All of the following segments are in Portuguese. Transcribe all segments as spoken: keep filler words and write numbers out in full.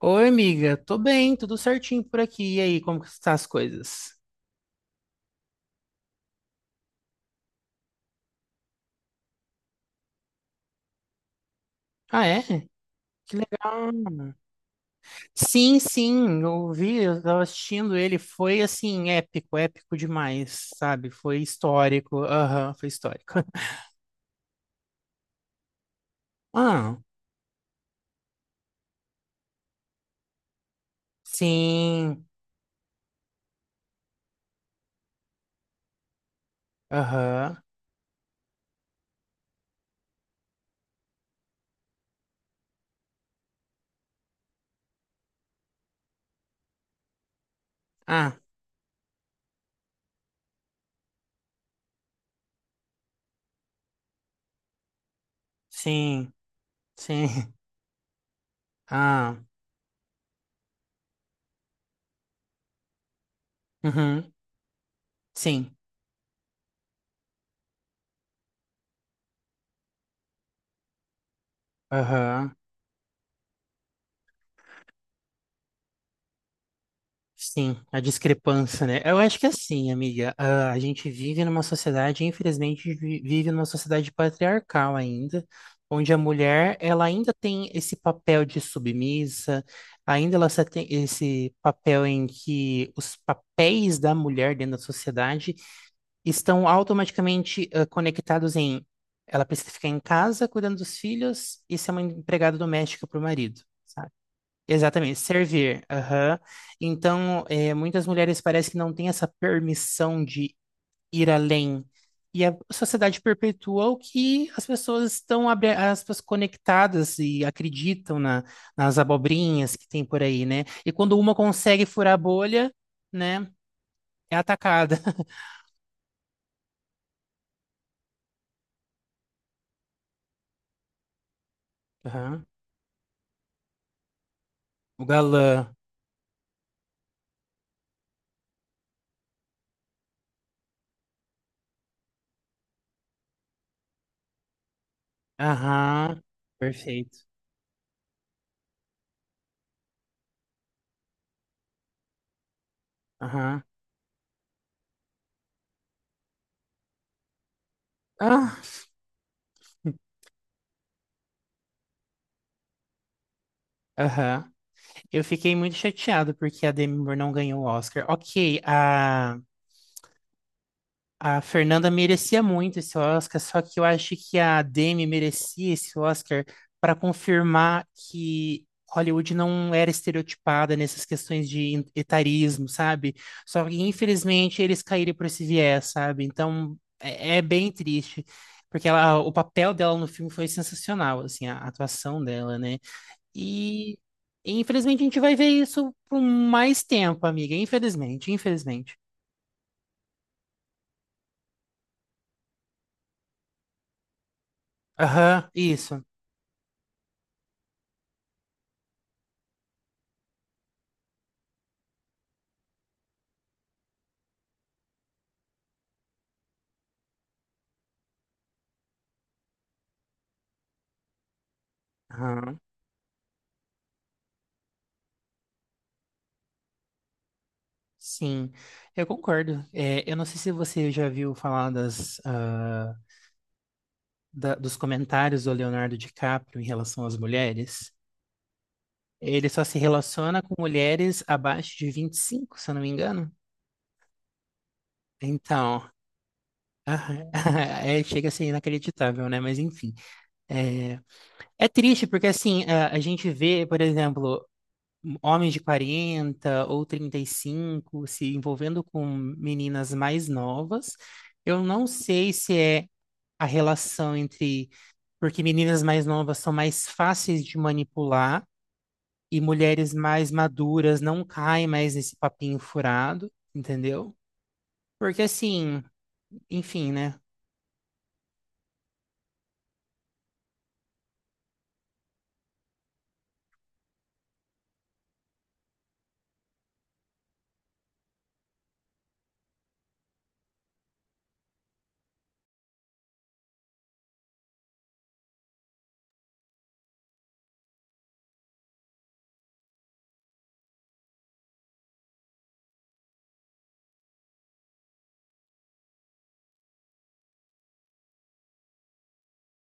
Oi, amiga. Tô bem, tudo certinho por aqui. E aí, como que estão as coisas? Ah, é? Que legal. Sim, sim, eu vi, eu tava assistindo ele. Foi assim, épico, épico demais, sabe? Foi histórico. Aham, foi histórico. Ah, sim. Aham. Ah, sim. Sim. Ah, uhum, sim. Aham. Sim, a discrepância, né? Eu acho que é assim, amiga, a a gente vive numa sociedade, infelizmente, vi- vive numa sociedade patriarcal ainda, onde a mulher, ela ainda tem esse papel de submissa, ainda ela só tem esse papel em que os papéis da mulher dentro da sociedade estão automaticamente ah, conectados em ela precisa ficar em casa cuidando dos filhos e ser uma empregada doméstica para o marido. Exatamente, servir. Aham. Então, é, muitas mulheres parece que não têm essa permissão de ir além. E a sociedade perpetua o que as pessoas estão, abre aspas, conectadas e acreditam na- nas abobrinhas que tem por aí, né? E quando uma consegue furar a bolha, né, é atacada. Aham. O galã. Aham. Perfeito. Aham. Ah, aham. Eu fiquei muito chateado porque a Demi Moore não ganhou o Oscar. Ok, a. A Fernanda merecia muito esse Oscar, só que eu acho que a Demi merecia esse Oscar para confirmar que Hollywood não era estereotipada nessas questões de etarismo, sabe? Só que, infelizmente, eles caíram por esse viés, sabe? Então, é, é bem triste, porque ela, o papel dela no filme foi sensacional, assim, a atuação dela, né? E, infelizmente, a gente vai ver isso por mais tempo, amiga. Infelizmente, infelizmente. Aham, isso. Aham. Sim, eu concordo. É, eu não sei se você já viu falar das, ah, da- dos comentários do Leonardo DiCaprio em relação às mulheres. Ele só se relaciona com mulheres abaixo de vinte e cinco se eu não me engano. Então, aham, é, chega a ser inacreditável, né? Mas enfim. É, é triste porque, assim, a, a gente vê, por exemplo, homens de quarenta ou trinta e cinco se envolvendo com meninas mais novas. Eu não sei se é a relação entre. Porque meninas mais novas são mais fáceis de manipular e mulheres mais maduras não caem mais nesse papinho furado, entendeu? Porque assim, enfim, né?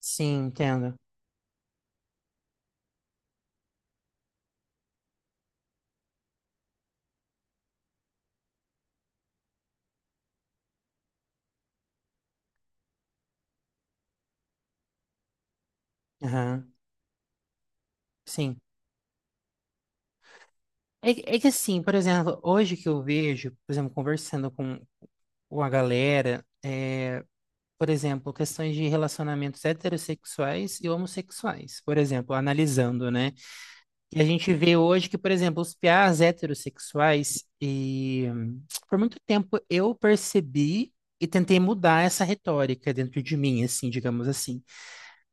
Sim, entendo. Aham, sim. É, que- é que assim, por exemplo, hoje que eu vejo, por exemplo, conversando com, com a galera, é, por exemplo, questões de relacionamentos heterossexuais e homossexuais, por exemplo, analisando, né? E a gente vê hoje que, por exemplo, os piás heterossexuais, e hum, por muito tempo eu percebi e tentei mudar essa retórica dentro de mim, assim, digamos assim.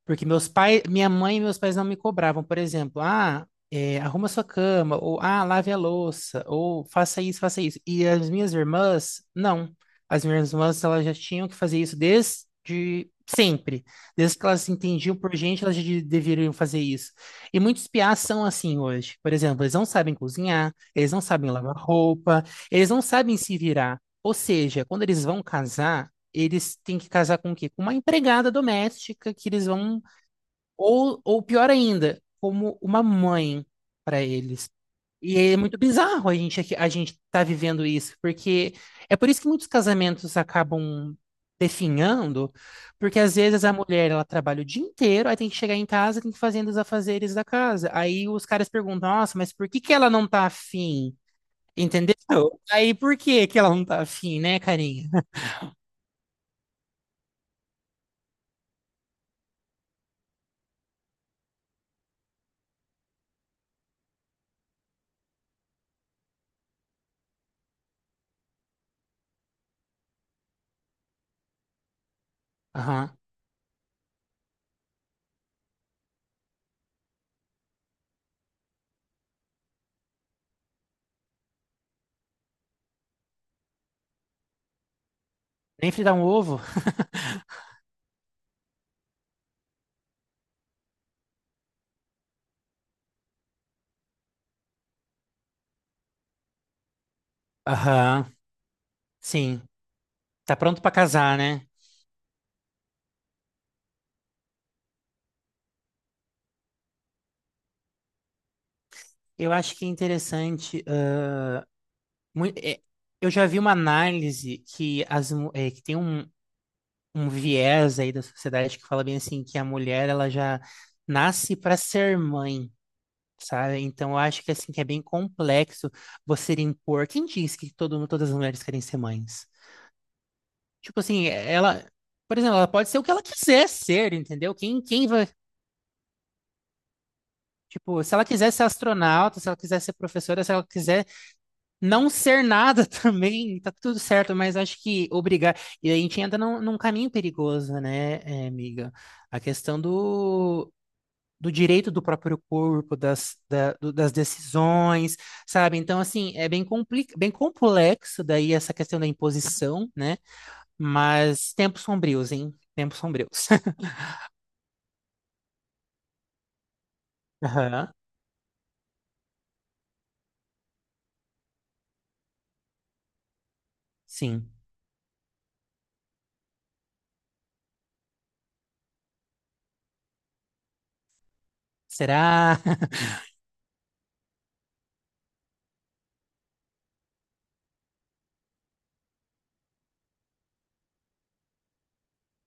Porque meus pais, minha mãe e meus pais não me cobravam, por exemplo, ah, é, arruma sua cama, ou ah, lave a louça, ou faça isso, faça isso. E as minhas irmãs, não. As minhas irmãs, elas já tinham que fazer isso desde sempre. Desde que elas se entendiam por gente, elas já de- deveriam fazer isso. E muitos piás são assim hoje. Por exemplo, eles não sabem cozinhar, eles não sabem lavar roupa, eles não sabem se virar. Ou seja, quando eles vão casar, eles têm que casar com o quê? Com uma empregada doméstica que eles vão, ou, ou pior ainda, como uma mãe para eles. E é muito bizarro a gente aqui- a gente tá vivendo isso, porque é por isso que muitos casamentos acabam definhando, porque às vezes a mulher ela trabalha o dia inteiro, aí tem que chegar em casa, tem que fazer os afazeres da casa. Aí os caras perguntam: "Nossa, mas por que que ela não tá afim?" Entendeu? Aí por que que ela não tá afim, né, carinha? Aham. Nem fritar um ovo? Aham. Sim. Tá pronto pra casar, né? Eu acho que é interessante. ah, mui- é, eu já vi uma análise que, as, mu- é, que tem um, um viés aí da sociedade que fala bem assim que a mulher ela já nasce para ser mãe, sabe? Então eu acho que assim que é bem complexo você impor. Quem diz que todo, todas as mulheres querem ser mães? Tipo assim, ela, por exemplo, ela pode ser o que ela quiser ser, entendeu? Quem, quem vai, tipo, se ela quiser ser astronauta, se ela quiser ser professora, se ela quiser não ser nada também, tá tudo certo, mas acho que obrigar. E a gente entra num, num caminho perigoso, né, eh, amiga? A questão do, do direito do próprio corpo, das, da- do- das decisões, sabe? Então, assim, é bem, compli bem complexo daí essa questão da imposição, né? Mas tempos sombrios, hein? Tempos sombrios. Aham. Sim. Será?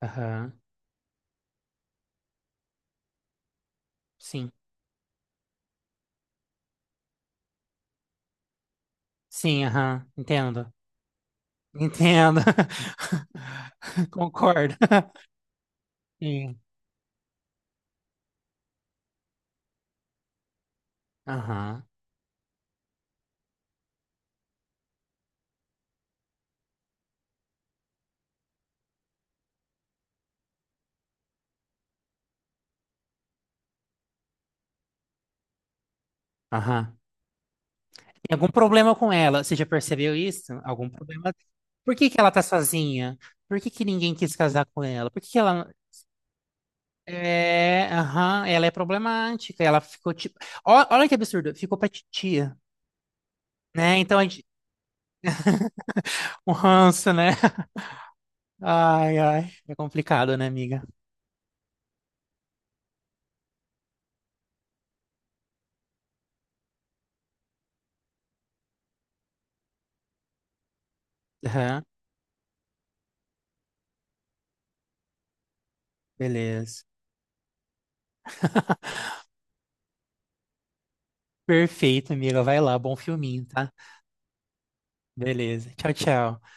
Aham. Sim. Sim, aham. Entendo. Entendo. Concordo. Sim. Aham. Aham. Tem algum problema com ela? Você já percebeu isso? Algum problema? Por que que ela tá sozinha? Por que que ninguém quis casar com ela? Por que que ela. É, aham, ela é problemática. Ela ficou tipo. Ó- Olha que absurdo, ficou pra titia, né? Então a gente. Um ranço, né? Ai, ai. É complicado, né, amiga? Aham, beleza. Perfeito, amiga. Vai lá, bom filminho, tá? Beleza. Tchau, tchau.